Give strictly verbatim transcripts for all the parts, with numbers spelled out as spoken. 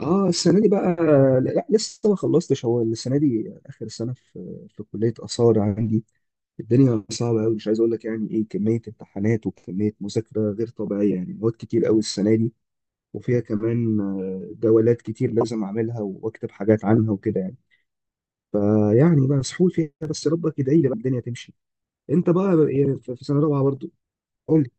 اه، السنه دي بقى. لا، يعني لسه ما خلصتش. هو السنه دي اخر سنه في في كليه اثار عندي. الدنيا صعبه قوي، مش عايز اقول لك يعني ايه كميه امتحانات وكميه مذاكره غير طبيعيه، يعني مواد كتير قوي السنه دي. وفيها كمان آه، جولات كتير لازم اعملها واكتب حاجات عنها وكده يعني. فيعني بقى مسحول فيها، بس ربك يدعي لي بقى الدنيا تمشي. انت بقى إيه، في في سنه رابعه برضو؟ قول لي.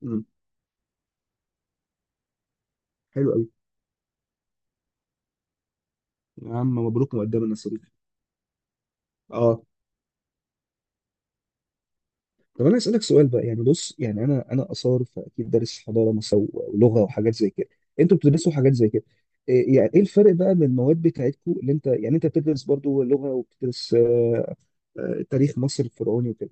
حلو قوي. يا عم مبروك مقدما يا صديقي. اه. طب انا اسالك سؤال بقى، يعني بص، يعني انا انا اثار، فاكيد دارس حضاره مصر و- ولغه وحاجات زي كده. انتوا بتدرسوا حاجات زي كده؟ إيه يعني، ايه الفرق بقى من المواد بتاعتكم؟ اللي انت يعني انت بتدرس برضو لغه وبتدرس آه، آه، تاريخ مصر الفرعوني وكده.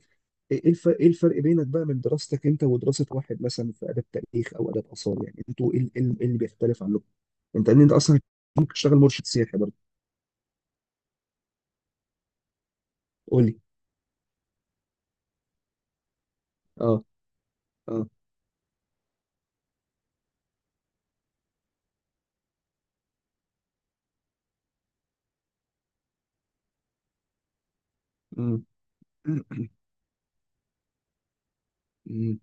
ايه إيه الفرق ايه الفرق بينك بقى من دراستك انت ودراسه واحد مثلا في اداب تاريخ او اداب اثار؟ يعني انتوا ايه ال- إيه ال- إيه اللي بيختلف عنكم؟ انت ان انت اصلا ممكن تشتغل مرشد سياحي برضو؟ قول لي. اه. اه. امم. امم. إمم.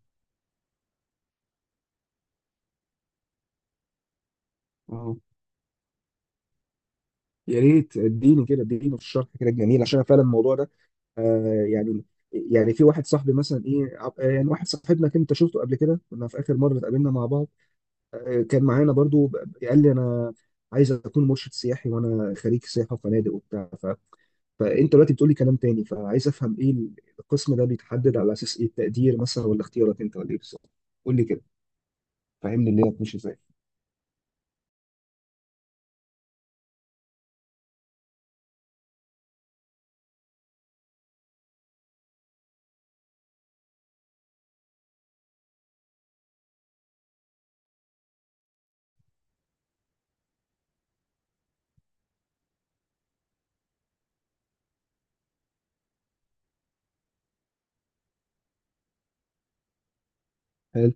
آه. يا ريت اديني كده، اديني في الشرح كده الجميل، عشان أنا فعلا الموضوع ده آه يعني، يعني في واحد صاحبي مثلا ايه عب- آه، يعني واحد صاحبنا كنت انت شفته قبل كده، كنا في اخر مره اتقابلنا مع بعض. آه كان معانا برضو ب- قال لي انا عايز اكون مرشد سياحي، وانا خريج سياحه وفنادق وبتاع ف... فانت دلوقتي بتقول لي كلام تاني، فعايز افهم ايه. القسم ده بيتحدد على اساس ايه، التقدير مثلا ولا اختيارك انت ولا ايه بالظبط؟ قول لي كده، فهمني اللي هتمشي ازاي. حلو.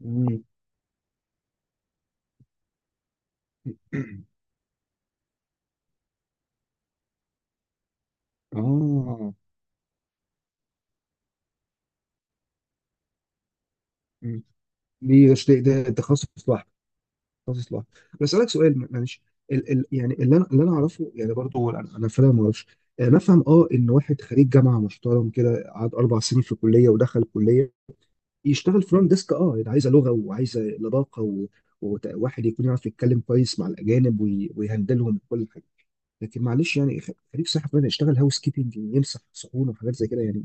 مم. اه. مم. دي ده ده تخصص لوحده، حافظ لها. بسألك سؤال معلش. ال ال يعني اللي انا اللي انا اعرفه يعني برضه، هو انا أنا فعلا ما اعرفش. آه، نفهم اه ان واحد خريج جامعه محترم كده، قعد اربع سنين في كليه ودخل كليه، يشتغل فرونت ديسك. اه ده عايزه لغه وعايزه لباقه و- وت- وواحد يكون يعرف يتكلم كويس مع الاجانب وي- ويهندلهم كل حاجه. لكن معلش يعني خ- خريج صحه فعلا يشتغل هاوس كيبنج، يمسح صحون وحاجات زي كده يعني.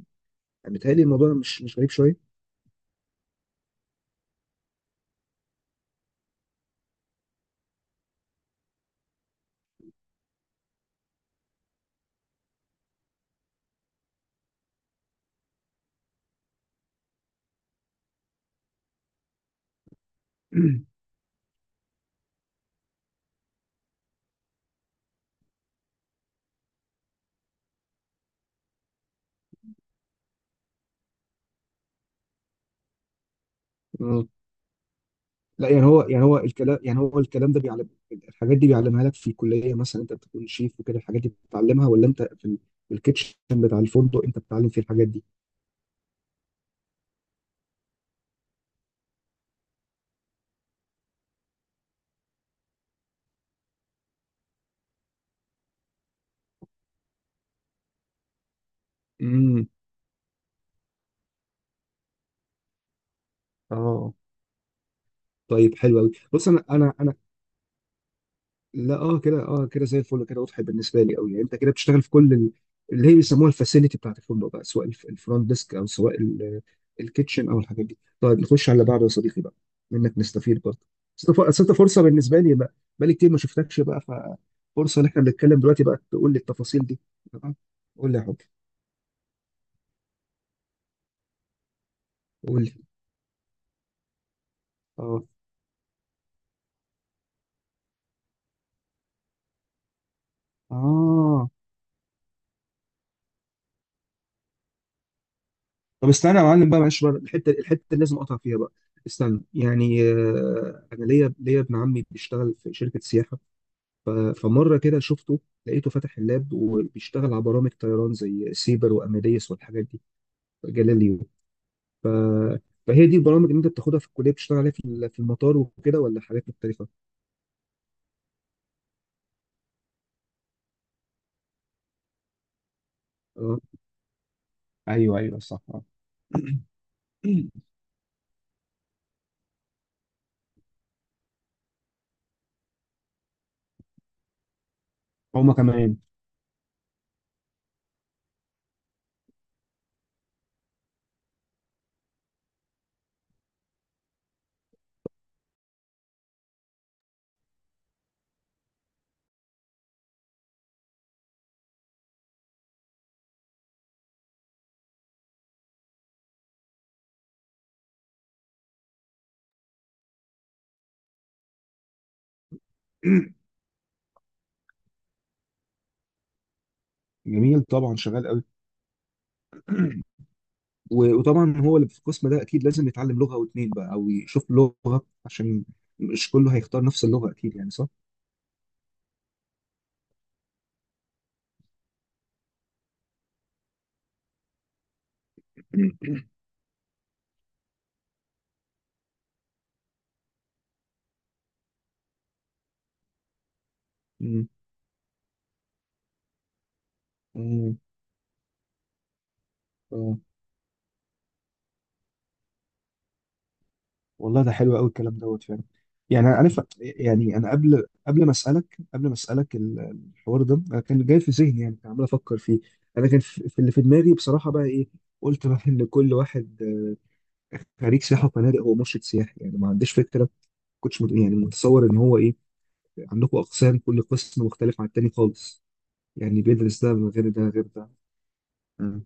متهيألي الموضوع مش مش غريب شويه؟ لا يعني هو، يعني هو الكلام، يعني هو الكلام ده بيعلم الحاجات دي، بيعلمها لك في الكليه؟ مثلا انت بتكون شيف وكده، الحاجات دي بتتعلمها؟ ولا انت في ال- في الكيتشن بتاع الفندق انت بتتعلم فيه الحاجات دي؟ امم. اه. طيب حلو قوي. بص انا انا انا، لا اه كده، اه كده زي الفل كده، واضح بالنسبه لي قوي. يعني انت كده بتشتغل في كل ال- اللي هي بيسموها الفاسيلتي بتاعت الفندق بقى، سواء الف- الفرونت ديسك او سواء ال- الكيتشن او الحاجات دي. طيب نخش على اللي بعده يا صديقي بقى، منك نستفيد برضه. بس أنت- أصل أنت فرصه بالنسبه لي بقى، بقالي كتير ما شفتكش بقى، ففرصه ان احنا بنتكلم دلوقتي بقى تقول لي التفاصيل دي. تمام. قول لي يا حبيبي. قول لي. اه. اه. طب استنى يا معلم بقى، معلش بقى، الحته الحته اللي لازم اقطع فيها بقى. استنى يعني، آه، انا ليا ليا ابن عمي بيشتغل في شركه سياحه. ف- فمره كده شفته، لقيته فاتح اللاب وبيشتغل على برامج طيران زي سيبر واماديس والحاجات دي، جاليليو. ف... فهي دي البرامج اللي انت بتاخدها في الكليه بتشتغل عليها في ال- في المطار وكده؟ ولا حاجات مختلفه؟ اه. ايوه، ايوه صح، اه. هما كمان. جميل طبعا، شغال قوي. و- وطبعا هو اللي في القسم ده اكيد لازم يتعلم لغه او اتنين بقى، او يشوف لغه، عشان مش كله هيختار نفس اللغه اكيد يعني، صح؟ مم. مم. آه. والله ده حلو قوي الكلام دوت فعلا. يعني انا عارف، يعني انا قبل قبل ما اسالك قبل ما اسالك ال- الحوار ده، انا كان جاي في ذهني، يعني كان عمال افكر فيه. انا كان في في اللي في دماغي بصراحه بقى ايه، قلت بقى ان كل واحد خريج سياحه وفنادق هو مرشد سياحي، يعني ما عنديش فكره. كنتش مت- يعني متصور ان هو ايه، عندكم اقسام، كل قسم مختلف عن التاني خالص، يعني بيدرس ده من غير ده، غير ده. مم.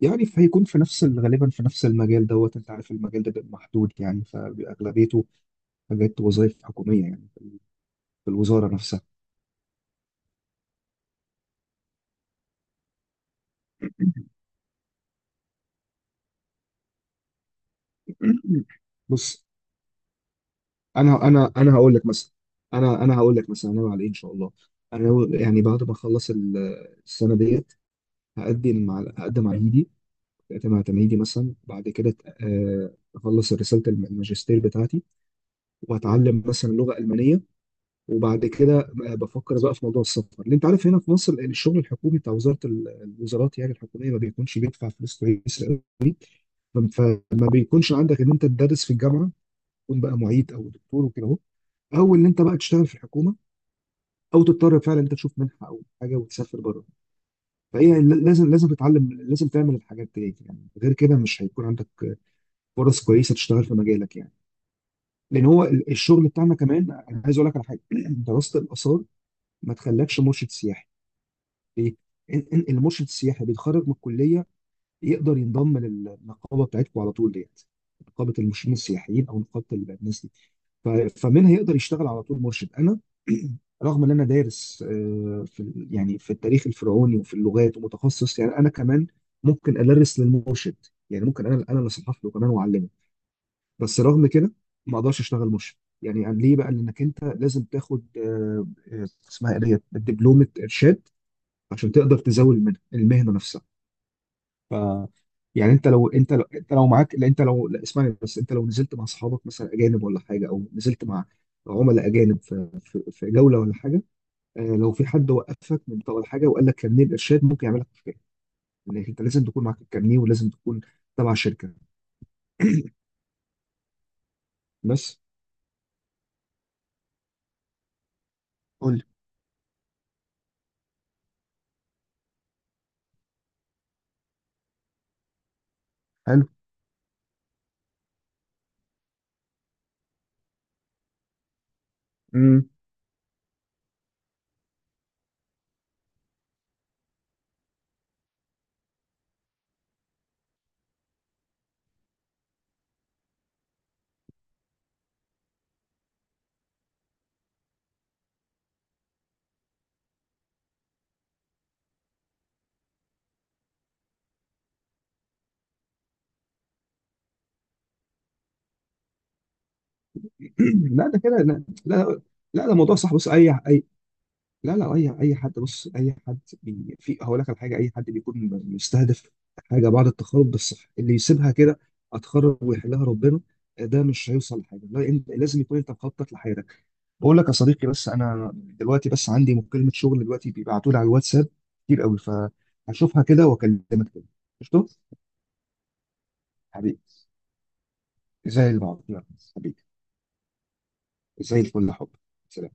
يعني فهيكون في نفس ال- غالبا في نفس المجال دوت. انت عارف المجال ده بيبقى محدود يعني، فاغلبيته حاجات وظائف حكوميه يعني، في الوزاره نفسها. بص انا انا انا هقول لك مثلا، انا انا هقول لك مثلا انا على ايه ان شاء الله. انا ناوي- يعني بعد ما اخلص ال- السنه ديت، هقدم على هقدم على تمهيدي. هقدم على تمهيدي مثلا بعد كده، آه، اخلص رساله الم- الماجستير بتاعتي، واتعلم مثلا لغه المانيه. وبعد كده آه، بفكر بقى في موضوع السفر. اللي انت عارف، هنا في مصر الشغل الحكومي بتاع وزاره ال- الوزارات يعني الحكوميه ما بيكونش بيدفع فلوس كويسه. فما بيكونش عندك ان انت تدرس في الجامعه، تكون بقى معيد او دكتور وكده، اهو، او ان انت بقى تشتغل في الحكومه، او تضطر فعلا انت تشوف منحه او حاجه وتسافر بره. فهي ل- لازم لازم تتعلم، لازم تعمل الحاجات دي يعني، غير كده مش هيكون عندك فرص كويسه تشتغل في مجالك يعني. لان هو ال- الشغل بتاعنا كمان، انا عايز اقول لك على حاجه. دراسه الاثار ما تخلكش مرشد سياحي. ليه؟ إن- إن المرشد السياحي بيتخرج من الكليه، يقدر ينضم للنقابه بتاعتكم على طول ديت، نقابه المرشدين السياحيين او نقابه الناس دي. ف- فمنها يقدر يشتغل على طول مرشد. انا رغم ان انا دارس آه، في ال- يعني في التاريخ الفرعوني وفي اللغات ومتخصص يعني، انا كمان ممكن ادرس للمرشد، يعني ممكن انا انا اللي اصحح له كمان واعلمه. بس رغم كده ما اقدرش اشتغل مرشد يعني. عن- ليه بقى؟ لانك انت لازم تاخد آه، آه، اسمها ايه ديت، دبلومه ارشاد، عشان تقدر تزاول المهنه، المهنة نفسها. يعني انت لو انت لو انت لو معاك، لا انت لو، لا اسمعني بس، انت لو نزلت مع اصحابك مثلا اجانب ولا حاجه، او نزلت مع عملاء اجانب في في, في جوله ولا حاجه، آه لو في حد وقفك من طول حاجه، وقال لك كارنيه الارشاد ممكن يعمل لك مشكله، لان انت لازم تكون معاك الكارنيه، ولازم تكون تبع شركه. بس. قول لي. حلو. امم. لا ده كده، لا لا، لا ده موضوع صح. بص، اي اي لا لا، اي اي حد، بص اي حد بي في هقول لك على حاجه. اي حد بيكون مستهدف حاجه بعد التخرج، ده الصح. اللي يسيبها كده، اتخرج ويحلها ربنا، ده مش هيوصل لحاجه. لا، انت لازم يكون انت مخطط لحياتك. بقول لك يا صديقي، بس انا دلوقتي بس عندي مكالمه شغل دلوقتي، بيبعتوا لي على الواتساب كتير قوي، فهشوفها كده واكلمك تاني. قشطه. حبيبي، زي البعض، يلا. حبيبي، زي الفل يا حب. سلام.